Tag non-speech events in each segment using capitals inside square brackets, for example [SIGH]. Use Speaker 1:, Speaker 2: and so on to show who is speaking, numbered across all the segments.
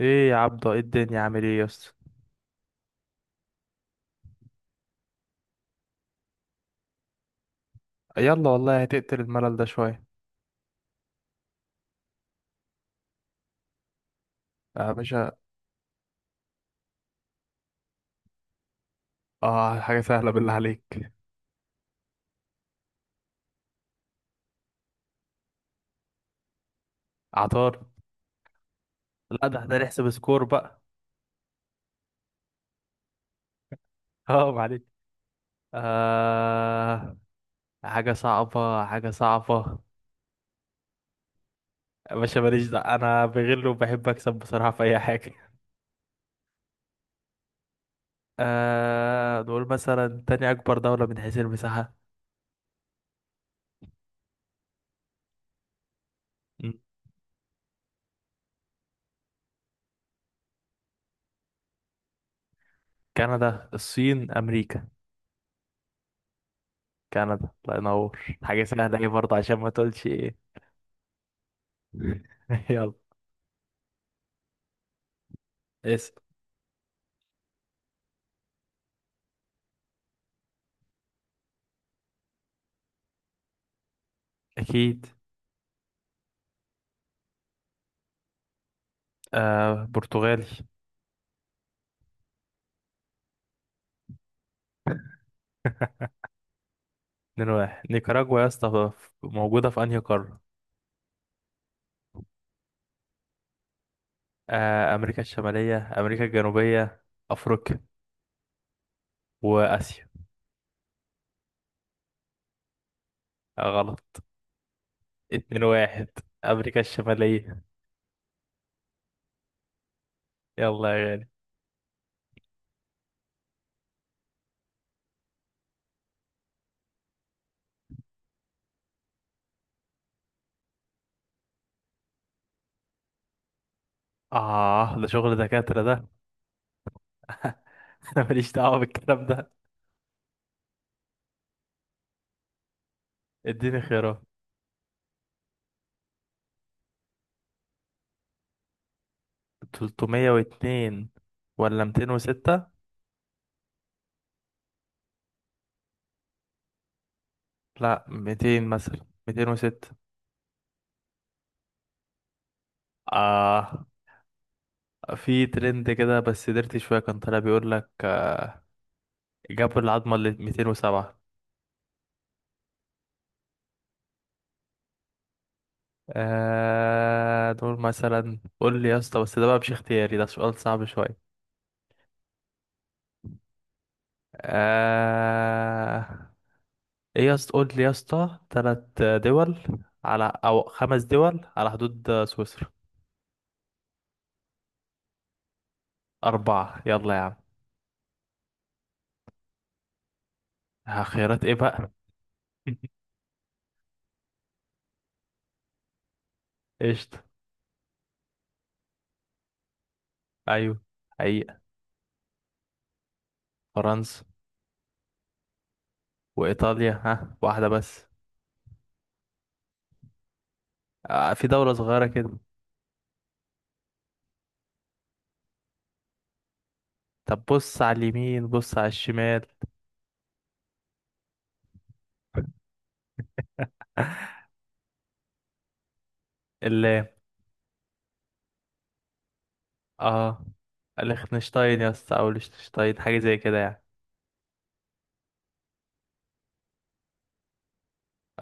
Speaker 1: ايه يا عبدة، ايه الدنيا؟ عامل ايه يا اسطى؟ يلا والله هتقتل الملل ده شوية. يا باشا. اه، حاجة سهلة بالله عليك. عطار. لا، ده احنا نحسب سكور بقى. [LAUGHS] اه معلش. آه حاجة صعبة حاجة صعبة. يا باشا ماليش، ده انا بغل وبحب اكسب بصراحة في اي حاجة. [LAUGHS] نقول مثلا تاني اكبر دولة من حيث المساحة؟ م. كندا، الصين، امريكا؟ كندا، الله ينور، حاجة سهلة ايه برضه عشان ما تقولش ايه. [LAUGHS] يلا. اسأل. اكيد. آه، برتغالي. [LAUGHS] 2-1. نيكاراجوا يا اسطى، موجودة في أنهي قارة؟ أمريكا الشمالية، أمريكا الجنوبية، أفريقيا، وآسيا. غلط. 2-1. أمريكا الشمالية. يلا يا غالي. ده شغل دكاترة ده. [LAUGHS] أنا ماليش دعوة بالكلام ده. اديني خيارات. 302 ولا 206؟ لا، 200 مثلا، 206. آه في ترند كده، بس درت شوية كان طالع بيقول لك جابوا العظمة اللي 207. دول مثلا قول لي يا اسطى، بس ده بقى مش اختياري، ده سؤال صعب شوية. آه ايه يا اسطى؟ قول لي يا اسطى تلات دول على او خمس دول على حدود سويسرا. أربعة، يلا يا عم. ها، خيارات ايه بقى؟ [LAUGHS] قشطة. ايوه. حقيقة. فرنسا. وإيطاليا، ها، واحدة بس. في دولة صغيرة كده. طب بص على اليمين، بص على الشمال. [LAUGHS] اللام. اه. ليخنشتاين يا اسطى، او ليشتنشتاين، حاجه زي كده يعني.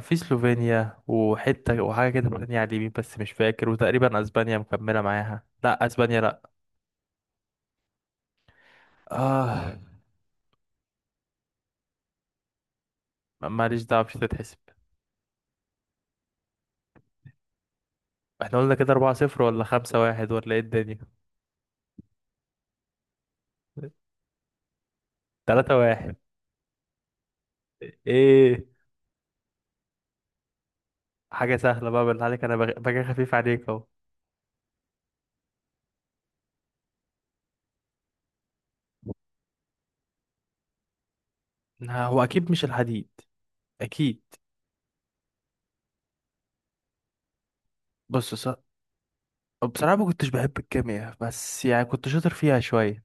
Speaker 1: في سلوفينيا وحته، وحاجه كده تانية على اليمين بس مش فاكر، وتقريبا اسبانيا مكمله معاها، لا اسبانيا لا. اه، ماليش دعوه مش هتتحسب. احنا قلنا كده 4 0 ولا 5 1 ولا ايه الدنيا؟ 3 1. ايه حاجه سهله بقى بالله عليك، انا باجي خفيف عليك اهو. لا، هو اكيد مش الحديد. اكيد. بص، بصراحه ما كنتش بحب الكيمياء، بس يعني كنت شاطر فيها شويه.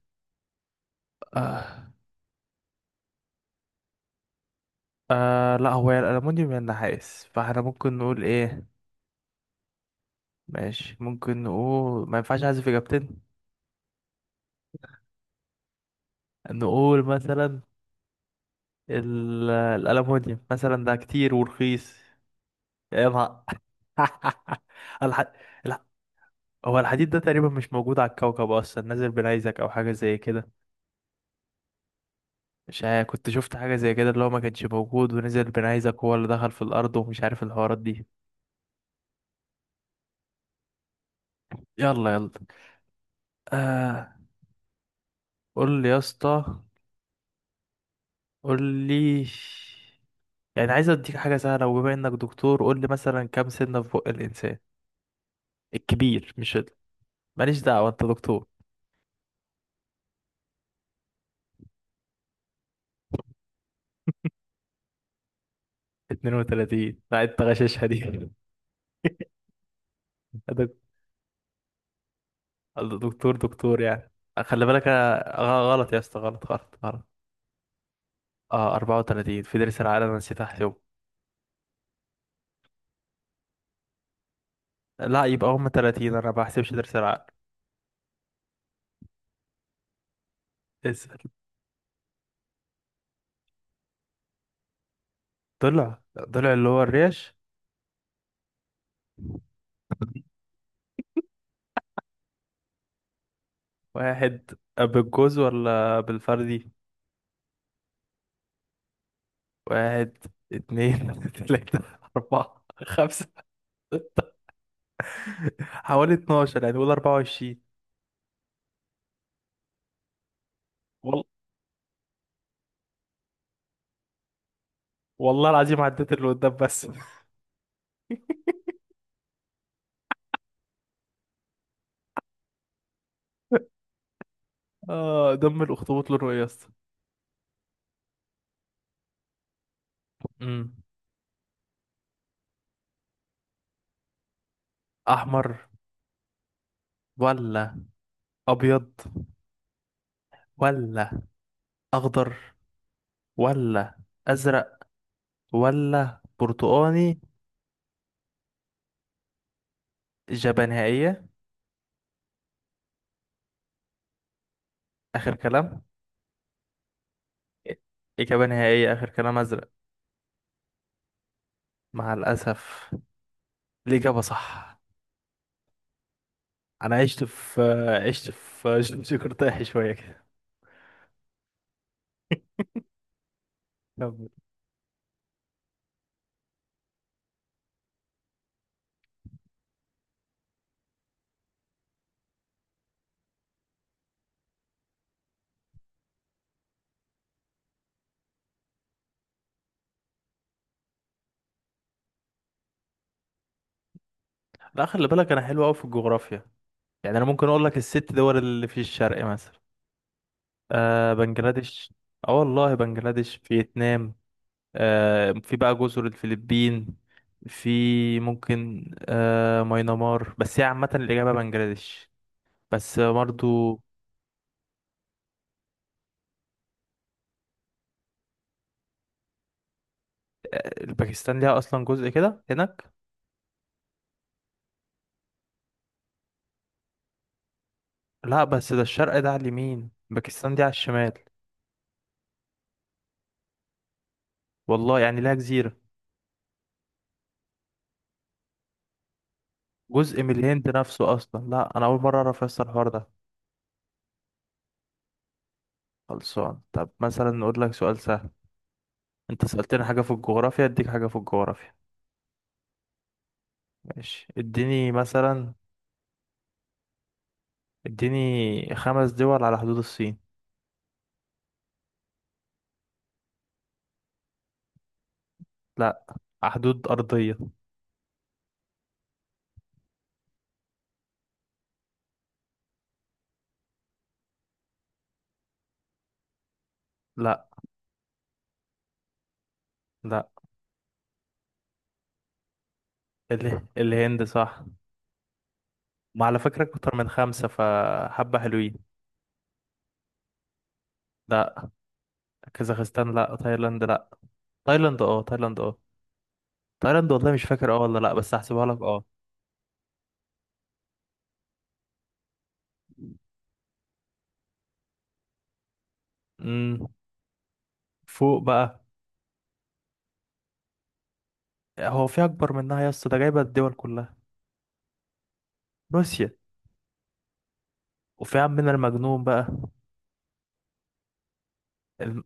Speaker 1: آه. لا، هو يا الألمونيوم يا النحاس، فاحنا ممكن نقول ايه؟ ماشي، ممكن نقول ما ينفعش احذف اجابتين. نقول مثلا الألمونيوم مثلا ده كتير ورخيص. يا نهار. [LAUGHS] الح... لا، هو الحديد ده تقريبا مش موجود على الكوكب اصلا، نزل بنيزك او حاجه زي كده. مش عارف، كنت شفت حاجه زي كده اللي هو ما كانش موجود ونزل بنيزك، هو اللي دخل في الارض، ومش عارف الحوارات دي. يلا يلا. آه قول لي يا اسطى، قول لي. يعني عايز اديك حاجة سهلة، وبما انك دكتور قول لي مثلا كام سنة في بق الانسان الكبير، مش ماليش دعوة، انت دكتور. 32، لا انت غشاشها دي. [LAUGHS] دك- دكتور دكتور يعني. خلي بالك، أنا غلط يا اسطى، غلط غلط غلط. اه، 34 في درس العقل، انا نسيت احسبه. لا، يبقى هم 30، انا ما بحسبش درس العقل. اسأل. طلع. طلع اللي هو الريش. واحد بالجوز ولا بالفردي؟ واحد، اتنين، [LAUGHS] تلاتة، أربعة، خمسة، حوالي 12 يعني، قول 24. وال... والله العظيم عديت اللي قدام بس. [LAUGHS] اه، دم الاخطبوط لونه ايه يا اسطى؟ امم احمر، ولا ابيض، ولا اخضر، ولا ازرق، ولا برتقاني؟ اجابه نهائيه، اخر كلام. اجابه نهائيه اخر كلام، ازرق. مع الاسف، الاجابه صح. انا عشت في جغرافيا شويه كده. كمل. لا خلي بالك، انا حلو قوي في الجغرافيا. يعني انا ممكن اقول لك الست دول اللي في الشرق مثلا. بنجلاديش. اه والله، بنجلاديش، فيتنام. في بقى جزر الفلبين. في ممكن ماينمار، بس هي عامة الإجابة بنجلاديش. بس برضو. آه، الباكستان ليها أصلا جزء كده هناك. لا بس ده الشرق، ده على اليمين، باكستان دي على الشمال. والله يعني ليها جزيرة. جزء من الهند نفسه أصلا، لا، أنا أول مرة أعرف أصلا الحوار ده. خلصان، طب مثلا نقول لك سؤال سهل. انت سألتني حاجة في الجغرافيا، اديك حاجة في الجغرافيا. ماشي، اديني مثلا. اديني خمس دول على حدود الصين. لا، على حدود أرضية. لا. لا الهند صح. ما على فكرة أكتر من خمسة، فحبة حلوين. لا كازاخستان لا، تايلاند لا. تايلاند اه، تايلاند اه. تايلاند والله مش فاكر، اه ولا لا، بس هحسبها لك اه. امم فوق بقى. هو في أكبر منها يا اسطى، ده جايبة الدول كلها. روسيا. وفي عمنا المجنون بقى. الم...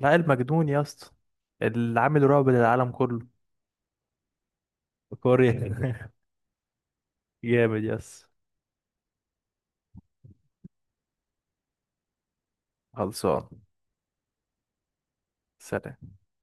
Speaker 1: لا، المجنون يا اسطى، اللي عامل رعب للعالم كله. كوريا. [LAUGHS] جامد، يس. خلصان. سلام.